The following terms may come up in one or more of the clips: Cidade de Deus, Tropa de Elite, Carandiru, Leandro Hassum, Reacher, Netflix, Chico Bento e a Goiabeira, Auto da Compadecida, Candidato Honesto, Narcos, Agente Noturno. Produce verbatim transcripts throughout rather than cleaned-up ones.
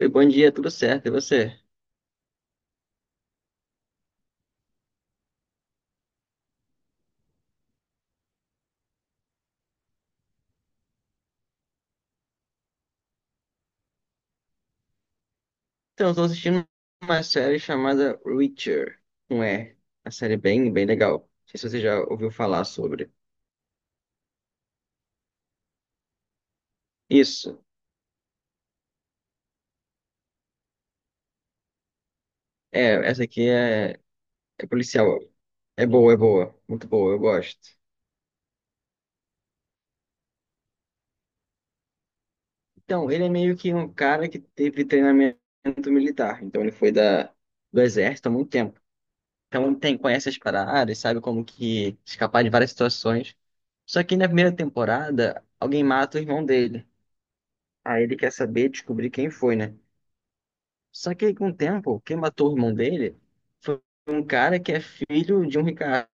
Oi, bom dia, tudo certo? E você? Então, estou assistindo uma série chamada Reacher, um R. Uma série é bem, bem legal. Não sei se você já ouviu falar sobre. Isso. É, essa aqui é, é policial. É boa, é boa. Muito boa, eu gosto. Então, ele é meio que um cara que teve treinamento militar. Então, ele foi da, do exército há muito tempo. Então, tem, conhece as paradas, sabe como que escapar de várias situações. Só que na primeira temporada, alguém mata o irmão dele. Aí ele quer saber, descobrir quem foi, né? Só que aí, com o tempo, quem matou o irmão dele foi um cara que é filho de um ricaço.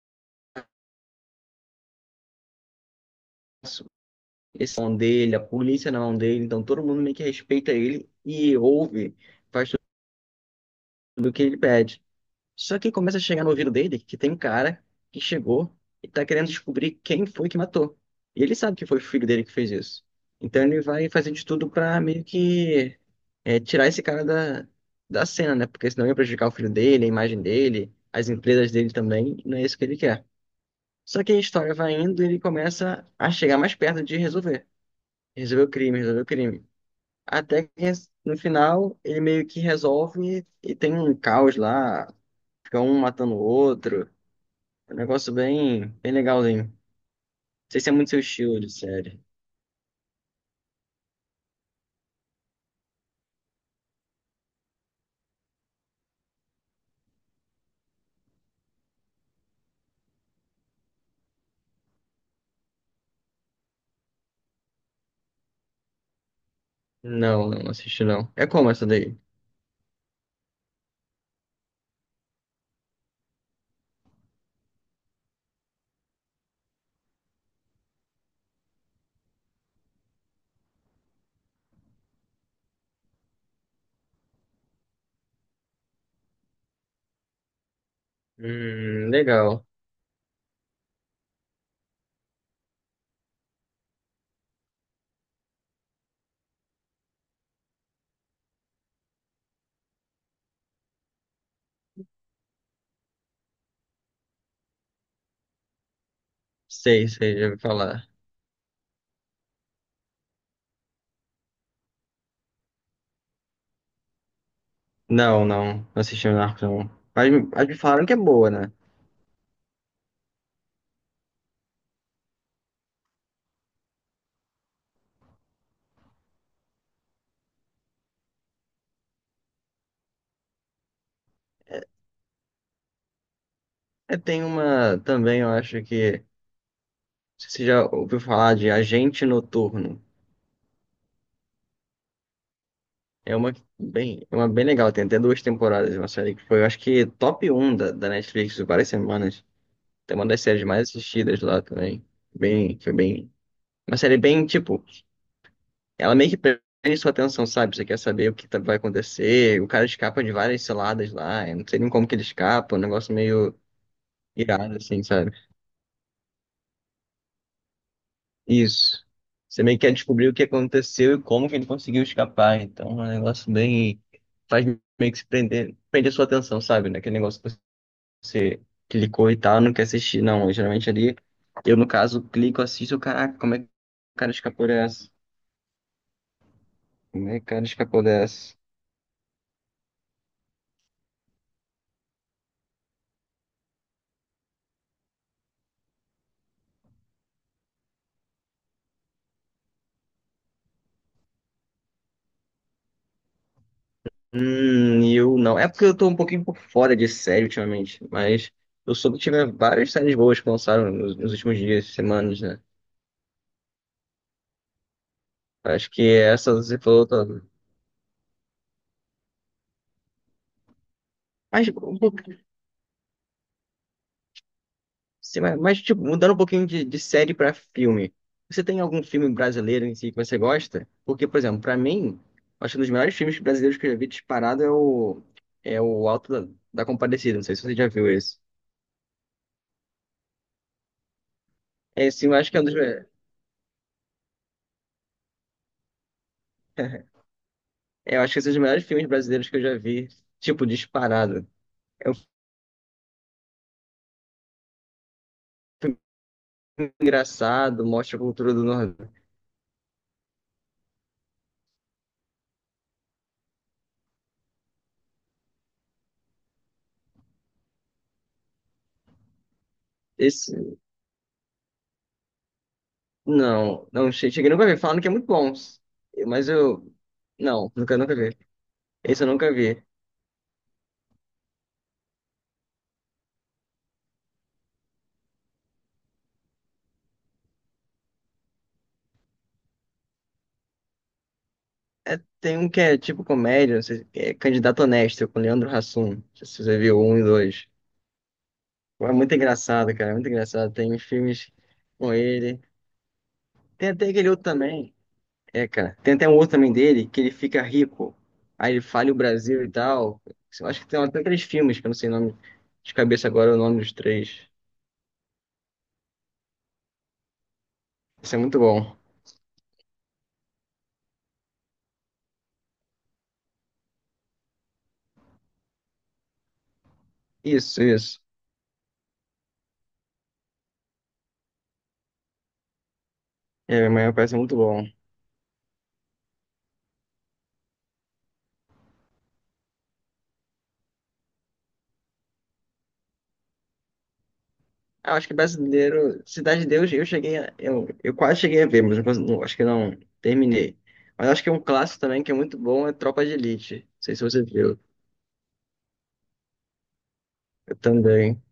Esse é na mão dele, a polícia é na mão dele, então todo mundo meio que respeita ele e ouve, faz tudo o que ele pede. Só que começa a chegar no ouvido dele que tem um cara que chegou e tá querendo descobrir quem foi que matou. E ele sabe que foi o filho dele que fez isso. Então ele vai fazer de tudo pra meio que é, tirar esse cara da, da cena, né? Porque senão ia prejudicar o filho dele, a imagem dele, as empresas dele também. e Não é isso que ele quer. Só que a história vai indo e ele começa a chegar mais perto de resolver. Resolver o crime, resolver o crime. Até que no final ele meio que resolve e tem um caos lá. Fica um matando o outro. É um negócio bem, bem legalzinho. Não sei se é muito seu estilo de série. Não, não assisti não. É como essa daí? Hum, legal. Sei, sei, já ouvi falar. Não, não, não assisti o Narcos não. Mas, me- mas me falaram que é boa, né? É, tem uma também, eu acho que... Não sei se Você já ouviu falar de Agente Noturno? É uma bem, é uma bem legal, tem até duas temporadas, uma série que foi, eu acho que top um da, da Netflix por várias semanas. Tem uma das séries mais assistidas lá também. Bem, foi bem. Uma série bem, tipo. Ela meio que prende sua atenção, sabe? Você quer saber o que tá- vai acontecer. O cara escapa de várias ciladas lá. Eu não sei nem como que ele escapa. É Um negócio meio irado, assim, sabe? Isso. Você meio que quer descobrir o que aconteceu e como que ele conseguiu escapar. Então, é um negócio bem. Faz meio que se prender... Prender sua atenção, sabe? Naquele negócio que você clicou e tal, não quer assistir. Não, eu, geralmente ali. Eu, no caso, clico, assisto. Caraca, como é que o cara escapou dessa? Como é que o cara escapou dessa? Hum, eu não. É porque eu tô um pouquinho por fora de série ultimamente, mas eu soube que tiveram várias séries boas que lançaram nos, nos últimos dias, semanas, né? Acho que é essa você falou, tá. Mas, um pouquinho- sim, mas, mas, tipo, mudando um pouquinho de, de série pra filme. Você tem algum filme brasileiro em si que você gosta? Porque, por exemplo, pra mim, acho que um dos melhores filmes brasileiros que eu já vi disparado é o, é o Alto da, da Compadecida. Não sei se você já viu esse. É, sim, eu acho que é um dos melhores. Eu acho que esse é um dos melhores filmes brasileiros que eu já vi. Tipo, disparado. É um filme engraçado, mostra a cultura do Nordeste. Esse, não, não, che- cheguei nunca a ver. Falando que é muito bom. Mas eu, não, nunca, nunca vi. Esse eu nunca vi. É, tem um que é tipo comédia, não sei, é Candidato Honesto, com Leandro Hassum. Não sei se você viu um e dois. É muito engraçado, cara, é muito engraçado. Tem filmes com ele. Tem até aquele outro também. É, cara. Tem até um outro também dele que ele fica rico. Aí ele fala o Brasil e tal. Eu acho que tem até três filmes, que eu não sei o nome de cabeça agora, o nome dos três. Isso é muito bom. Isso, isso. É, amanhã parece muito bom. Ah, acho que brasileiro, Cidade de Deus, eu cheguei a, eu, eu quase cheguei a ver, mas não, cons- não- acho que não terminei. Mas acho que é um clássico também que é muito bom é Tropa de Elite. Não sei se você viu. Eu também.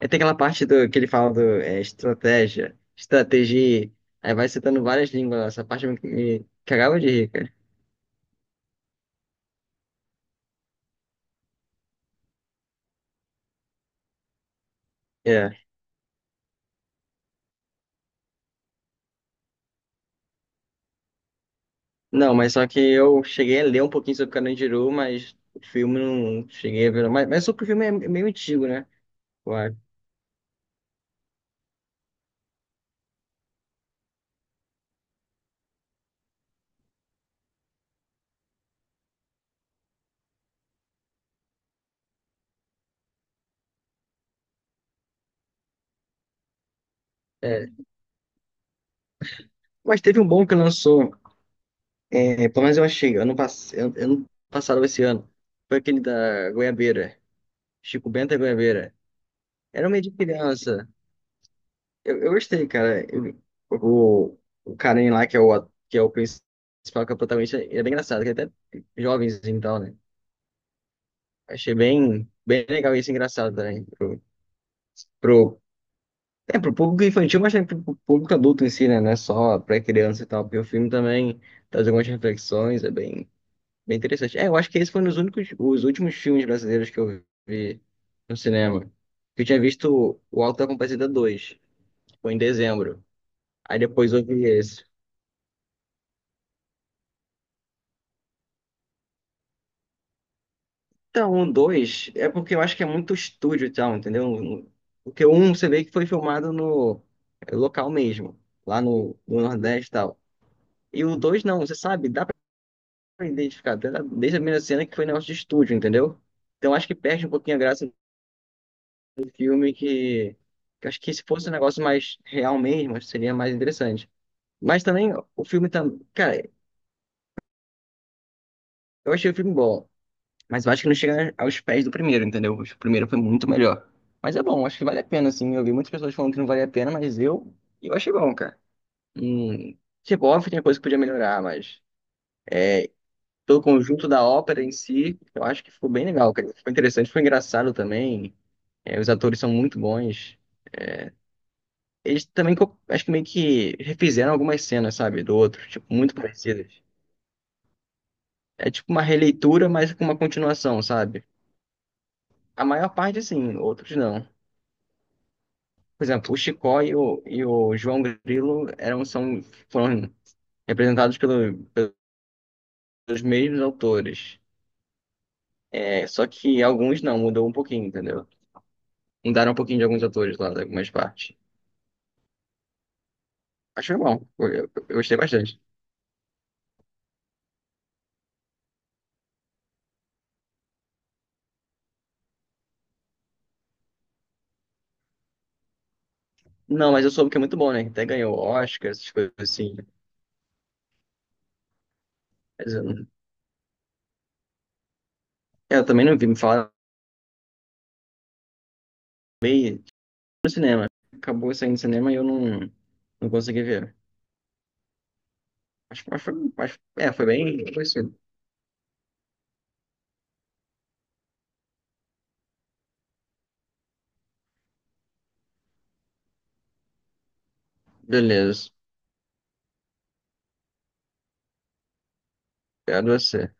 Aí tem aquela parte do, que ele fala do é, estratégia, estratégia, aí vai citando várias línguas, lá. Essa parte me, me cagava de rir, cara. É. Não, mas só que eu cheguei a ler um pouquinho sobre Carandiru, mas o filme não cheguei a ver. não. Mas, mas só que o filme é meio antigo, né? Eu acho. É. Mas teve um bom que lançou, é, pelo menos eu achei, ano, pass... ano passado, ou esse ano, foi aquele da Goiabeira, Chico Bento e a Goiabeira. Era um meio de criança. Eu, eu gostei, cara. Eu- o, o carinha lá, que é o, at- que é o principal, que é o protagonista, ele é bem engraçado, que é até jovenzinho e tal, né? Achei bem, bem legal isso, engraçado também. Pro, pro, é, pro público infantil, mas também pro, pro público adulto em si, né? Não é só pra criança e tal, porque o filme também traz algumas reflexões, é bem, bem interessante. É, eu acho que esse foi um dos únicos, os últimos filmes brasileiros que eu vi no cinema. Eu tinha visto o Auto da Compadecida dois foi em dezembro. Aí depois eu vi esse. Então, o dois é porque eu acho que é muito estúdio e tal, entendeu? Porque o um você vê que foi filmado no é, local mesmo, lá no, no Nordeste e tal. E o dois não, você sabe, dá pra identificar até da- desde a primeira cena que foi negócio de estúdio, entendeu? Então acho que perde um pouquinho a graça do filme, que, que acho que se fosse um negócio mais real mesmo, acho que seria mais interessante. Mas também o filme tá, cara, eu achei o filme bom. Mas eu acho que não chega aos pés do primeiro, entendeu? O primeiro foi muito melhor. Mas é bom, acho que vale a pena, assim. Eu vi muitas pessoas falando que não vale a pena, mas eu, eu achei bom, cara. Hum, tipo, óbvio, tinha coisa que podia melhorar, mas pelo conjunto da ópera em si, eu acho que ficou bem legal, cara. Ficou interessante, foi engraçado também. É, os atores são muito bons. Eles também, co- acho que meio que refizeram algumas cenas, sabe, do outro, tipo, muito parecidas. É tipo uma releitura, mas com uma continuação, sabe? A maior parte, sim, outros não. Por exemplo, o Chicó e o, e o, João Grilo eram, são, foram representados pelo- pelos mesmos autores. É, só que alguns não, mudou um pouquinho, entendeu? Mudaram um pouquinho de alguns autores lá, de algumas partes. Acho que foi bom, eu, eu- eu gostei bastante. Não, mas eu soube que é muito bom, né? Até ganhou Oscar, essas coisas assim. Mas eu, não- eu também não vi, me falaram bem no cinema. Acabou saindo no cinema e eu não, não consegui ver. Mas, mas foi, mas, é, foi bem. Foi assim. Beleza, obrigado a você.